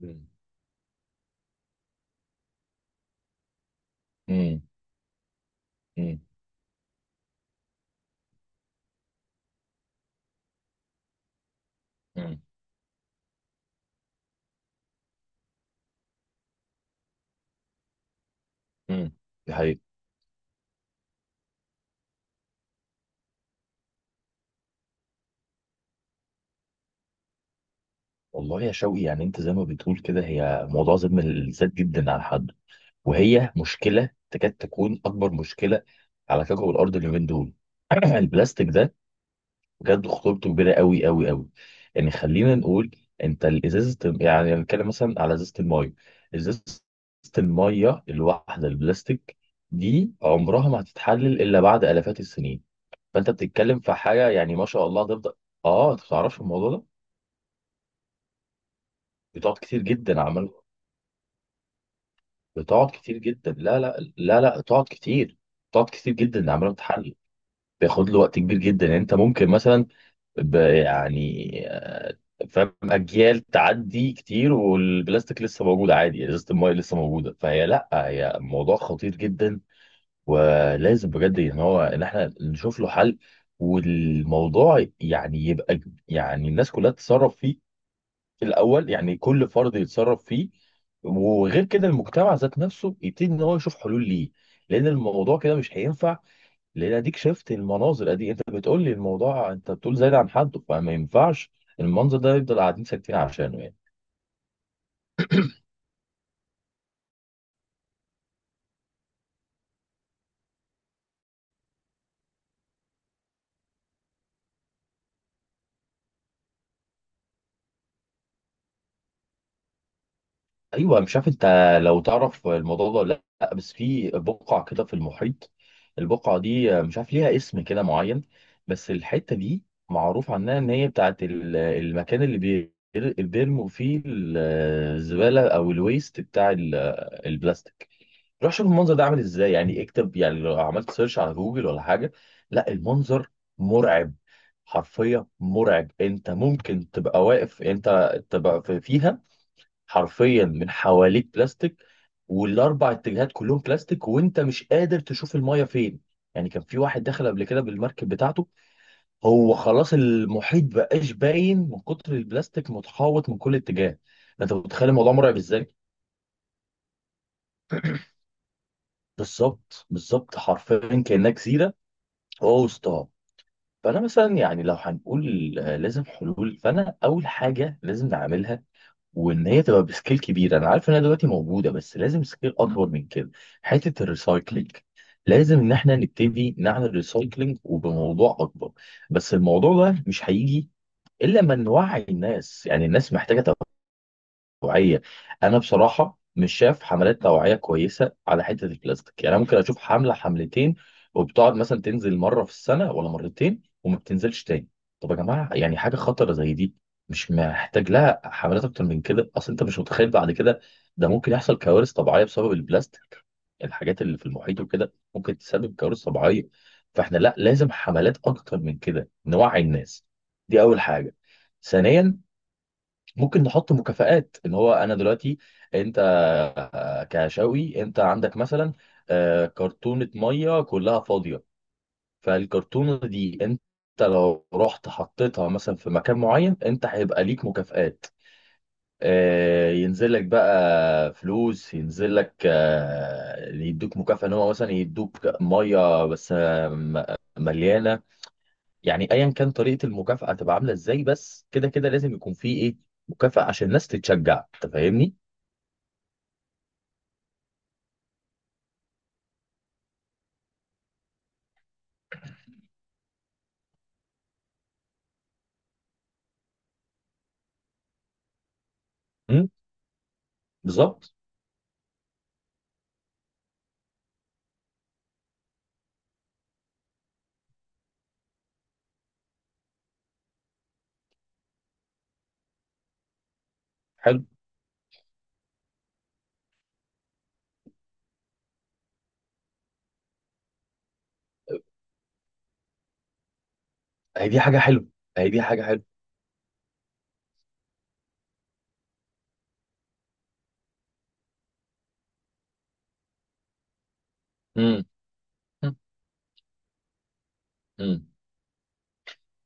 مم. مم. مم. مم. مم. دي حقيقة. والله يا شوقي، يعني انت زي ما بتقول كده، هي موضوع ظلم الذات جدا على حد، وهي مشكلة تكاد تكون أكبر مشكلة على كوكب الأرض اليومين دول. البلاستيك ده بجد خطورته كبيرة قوي قوي قوي. يعني خلينا نقول، انت الإزازة، يعني نتكلم مثلا على إزازة الماية، إزازة الماية الواحدة البلاستيك دي، عمرها ما هتتحلل إلا بعد آلافات السنين. فانت بتتكلم في حاجه، يعني ما شاء الله هتفضل. اه انت ما بتعرفش الموضوع ده. بتقعد كتير جدا عمال، بتقعد كتير جدا، لا لا لا لا، تقعد كتير، تقعد كتير جدا عمال بتحلل. بياخد له وقت كبير جدا، يعني انت ممكن مثلا يعني فاهم اجيال تعدي كتير، والبلاستيك لسه موجود عادي، يعني ازازه المايه لسه موجوده. فهي لا هي موضوع خطير جدا، ولازم بجد ان احنا نشوف له حل. والموضوع يعني يبقى يعني الناس كلها تتصرف فيه، في الاول يعني كل فرد يتصرف فيه. وغير كده المجتمع ذات نفسه يبتدي ان هو يشوف حلول ليه، لان الموضوع كده مش هينفع. لان اديك شفت المناظر، ادي انت بتقول لي الموضوع، انت بتقول زايد عن حده، فما ينفعش المنظر ده يفضل قاعدين ساكتين عشانه يعني. ايوه. مش عارف انت لو تعرف الموضوع ده ولا لا، بس في بقعه كده في المحيط، البقعه دي مش عارف ليها اسم كده معين، بس الحته دي معروف عنها ان هي بتاعت المكان اللي اللي بيرموا فيه الزباله، او الويست بتاع البلاستيك. روح شوف المنظر ده عامل ازاي، يعني اكتب، يعني لو عملت سيرش على جوجل ولا حاجه. لا، المنظر مرعب، حرفيا مرعب. انت ممكن تبقى واقف، انت تبقى فيها، حرفيا من حواليك بلاستيك، والاربع اتجاهات كلهم بلاستيك، وانت مش قادر تشوف المايه فين. يعني كان في واحد دخل قبل كده بالمركب بتاعته، هو خلاص المحيط بقاش باين من كتر البلاستيك، متحوط من كل اتجاه. انت متخيل الموضوع مرعب ازاي؟ بالظبط بالظبط، حرفيا كانك جزيره هو وسطها. فانا مثلا يعني لو هنقول لازم حلول. فانا اول حاجه لازم نعملها وان هي تبقى بسكيل كبيره. انا عارف انها دلوقتي موجوده، بس لازم سكيل اكبر من كده. حته الريسايكلينج، لازم ان احنا نبتدي نعمل ريسايكلينج وبموضوع اكبر. بس الموضوع ده مش هيجي الا لما نوعي الناس، يعني الناس محتاجه توعية. أنا بصراحة مش شايف حملات توعية كويسة على حتة البلاستيك، يعني أنا ممكن أشوف حملة حملتين، وبتقعد مثلا تنزل مرة في السنة ولا مرتين، وما بتنزلش تاني. طب يا جماعة، يعني حاجة خطرة زي دي مش محتاج لها حملات أكتر من كده؟ أصل أنت مش متخيل، بعد كده ده ممكن يحصل كوارث طبيعية بسبب البلاستيك. الحاجات اللي في المحيط وكده ممكن تسبب كوارث طبيعية. فإحنا لا، لازم حملات أكتر من كده، نوعي الناس. دي أول حاجة. ثانيا، ممكن نحط مكافآت. اللي هو انا دلوقتي انت كشاوي، انت عندك مثلا كرتونة مية كلها فاضية. فالكرتونة دي انت لو رحت حطيتها مثلا في مكان معين، انت هيبقى ليك مكافآت. ينزل لك بقى فلوس، ينزل لك يدوك مكافأة، ان هو مثلا يدوك مية بس مليانة. يعني ايا كان طريقه المكافاه هتبقى عامله ازاي، بس كده كده لازم يكون في ايه، مكافاه عشان الناس تتشجع. انت فاهمني؟ امم. بالظبط. حلو. هي دي حاجه حلوه. هي دي حاجه حلوه. امم. امم.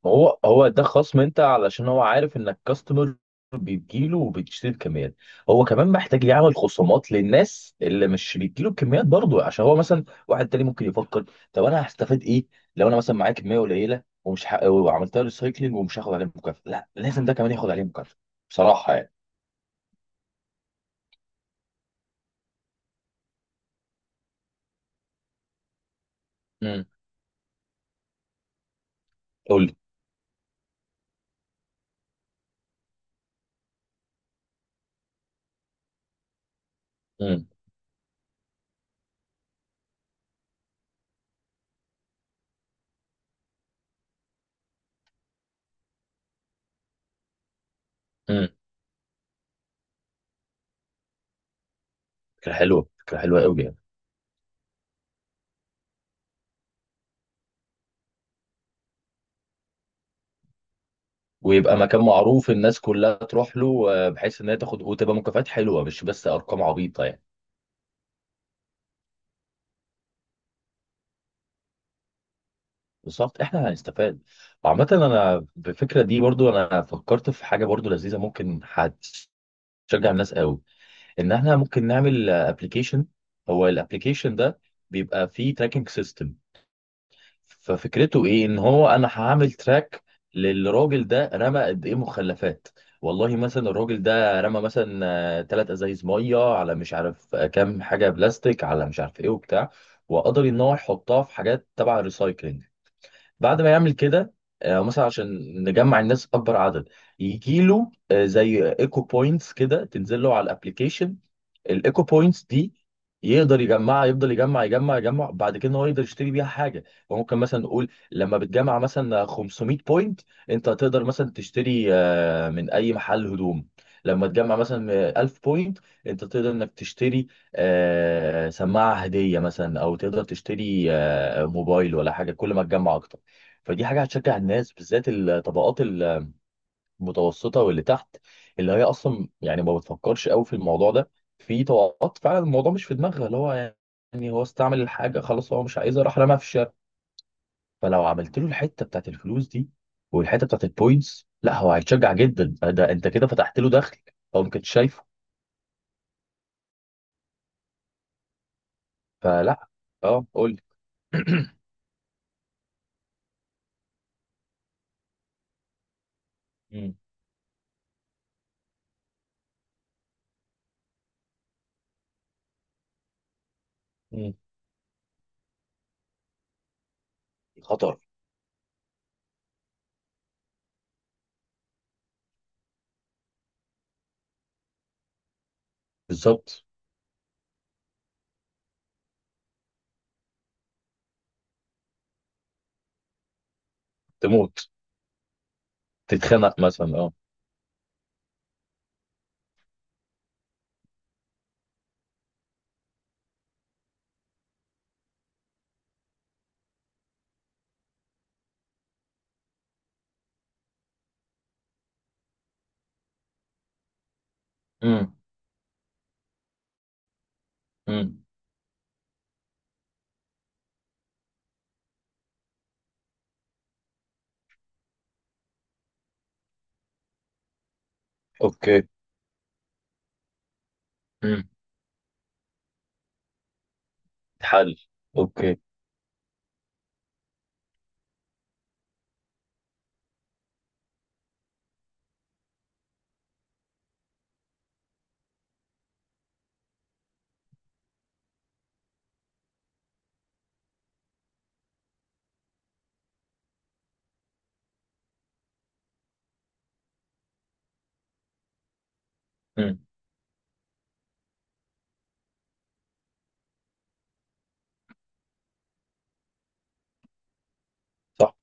ما هو هو ده خصم، انت علشان هو عارف انك كاستمر بيجيله وبتشتري بكميات. هو كمان محتاج يعمل خصومات للناس اللي مش بيجيله بكميات برضه، عشان هو مثلا واحد تاني ممكن يفكر، طب انا هستفاد ايه؟ لو انا مثلا معايا كميه قليله، ومش وعملتها ريسايكلينج ومش هاخد عليها مكافاه؟ لا، لازم ده كمان ياخد عليه مكافاه. بصراحه يعني. امم. قول لي. امم. امم. فكره حلوه، فكره حلوه قوي يعني. ويبقى مكان معروف الناس كلها تروح له، بحيث ان هي تاخد وتبقى مكافآت حلوه، مش بس ارقام عبيطه يعني. بالظبط، احنا هنستفاد. وعامة انا بالفكرة دي برضو، انا فكرت في حاجة برضو لذيذة ممكن هتشجع الناس قوي، ان احنا ممكن نعمل ابلكيشن. هو الابلكيشن ده بيبقى فيه تراكنج سيستم. ففكرته ايه، ان هو انا هعمل تراك للراجل ده، رمى قد ايه مخلفات. والله مثلا الراجل ده رمى مثلا ثلاث ازايز ميه، على مش عارف كام حاجة بلاستيك، على مش عارف ايه وبتاع، وقدر ان هو يحطها في حاجات تبع الريسايكلينج. بعد ما يعمل كده، مثلا عشان نجمع الناس اكبر عدد، يجي له زي ايكو بوينتس كده، تنزل له على الابلكيشن. الايكو بوينتس دي يقدر يجمعها، يفضل يجمع يجمع يجمع، بعد كده هو يقدر يشتري بيها حاجه. فممكن مثلا نقول، لما بتجمع مثلا 500 بوينت، انت تقدر مثلا تشتري من اي محل هدوم. لما تجمع مثلا 1000 بوينت، انت تقدر انك تشتري سماعه هديه مثلا، او تقدر تشتري موبايل ولا حاجه، كل ما تجمع اكتر. فدي حاجه هتشجع الناس، بالذات الطبقات متوسطه واللي تحت، اللي هي اصلا يعني ما بتفكرش قوي في الموضوع ده. في طبقات فعلا الموضوع مش في دماغها، اللي هو يعني هو استعمل الحاجه خلاص، هو مش عايزها، راح رماها في الشارع. فلو عملت له الحته بتاعت الفلوس دي، والحته بتاعت البوينتس، لا هو هيتشجع جدا، ده انت كده فتحت له دخل هو ما كانش شايفه. فلا. اه، قول. مم. مم. خطر. بالظبط. تموت. تتخنق مثلا، اه. امم. امم. اوكي. امم. تحل. اوكي. امم. صح.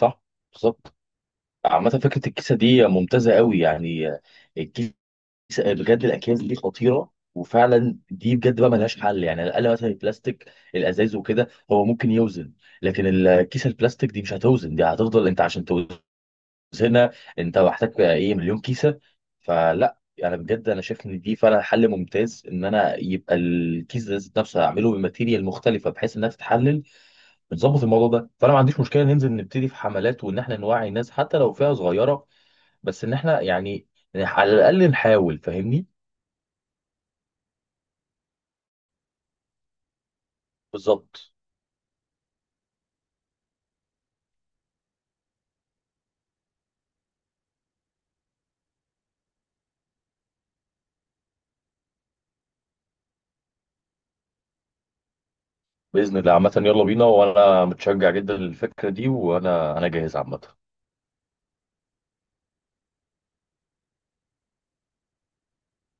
صح. بالظبط. عامة فكرة الكيسة دي ممتازة قوي يعني. الكيسة، بجد الأكياس دي خطيرة، وفعلا دي بجد بقى ملهاش حل، يعني على الأقل مثلا البلاستيك الأزاز وكده هو ممكن يوزن، لكن الكيسة البلاستيك دي مش هتوزن، دي هتفضل. أنت عشان توزنها، أنت محتاج إيه، مليون كيسة؟ فلا يعني بجد، أنا شايف إن دي فعلا حل ممتاز، إن أنا يبقى الكيس ده ذات نفسه هعمله بماتيريال مختلفة بحيث إنها تتحلل. بنظبط الموضوع ده. فأنا ما عنديش مشكلة ننزل نبتدي في حملات، وإن إحنا نوعي الناس حتى لو فئة صغيرة، بس ان احنا يعني على الاقل نحاول. فاهمني؟ بالظبط. باذن الله عامه، يلا بينا، وانا متشجع جدا للفكره دي، وانا جاهز عامه.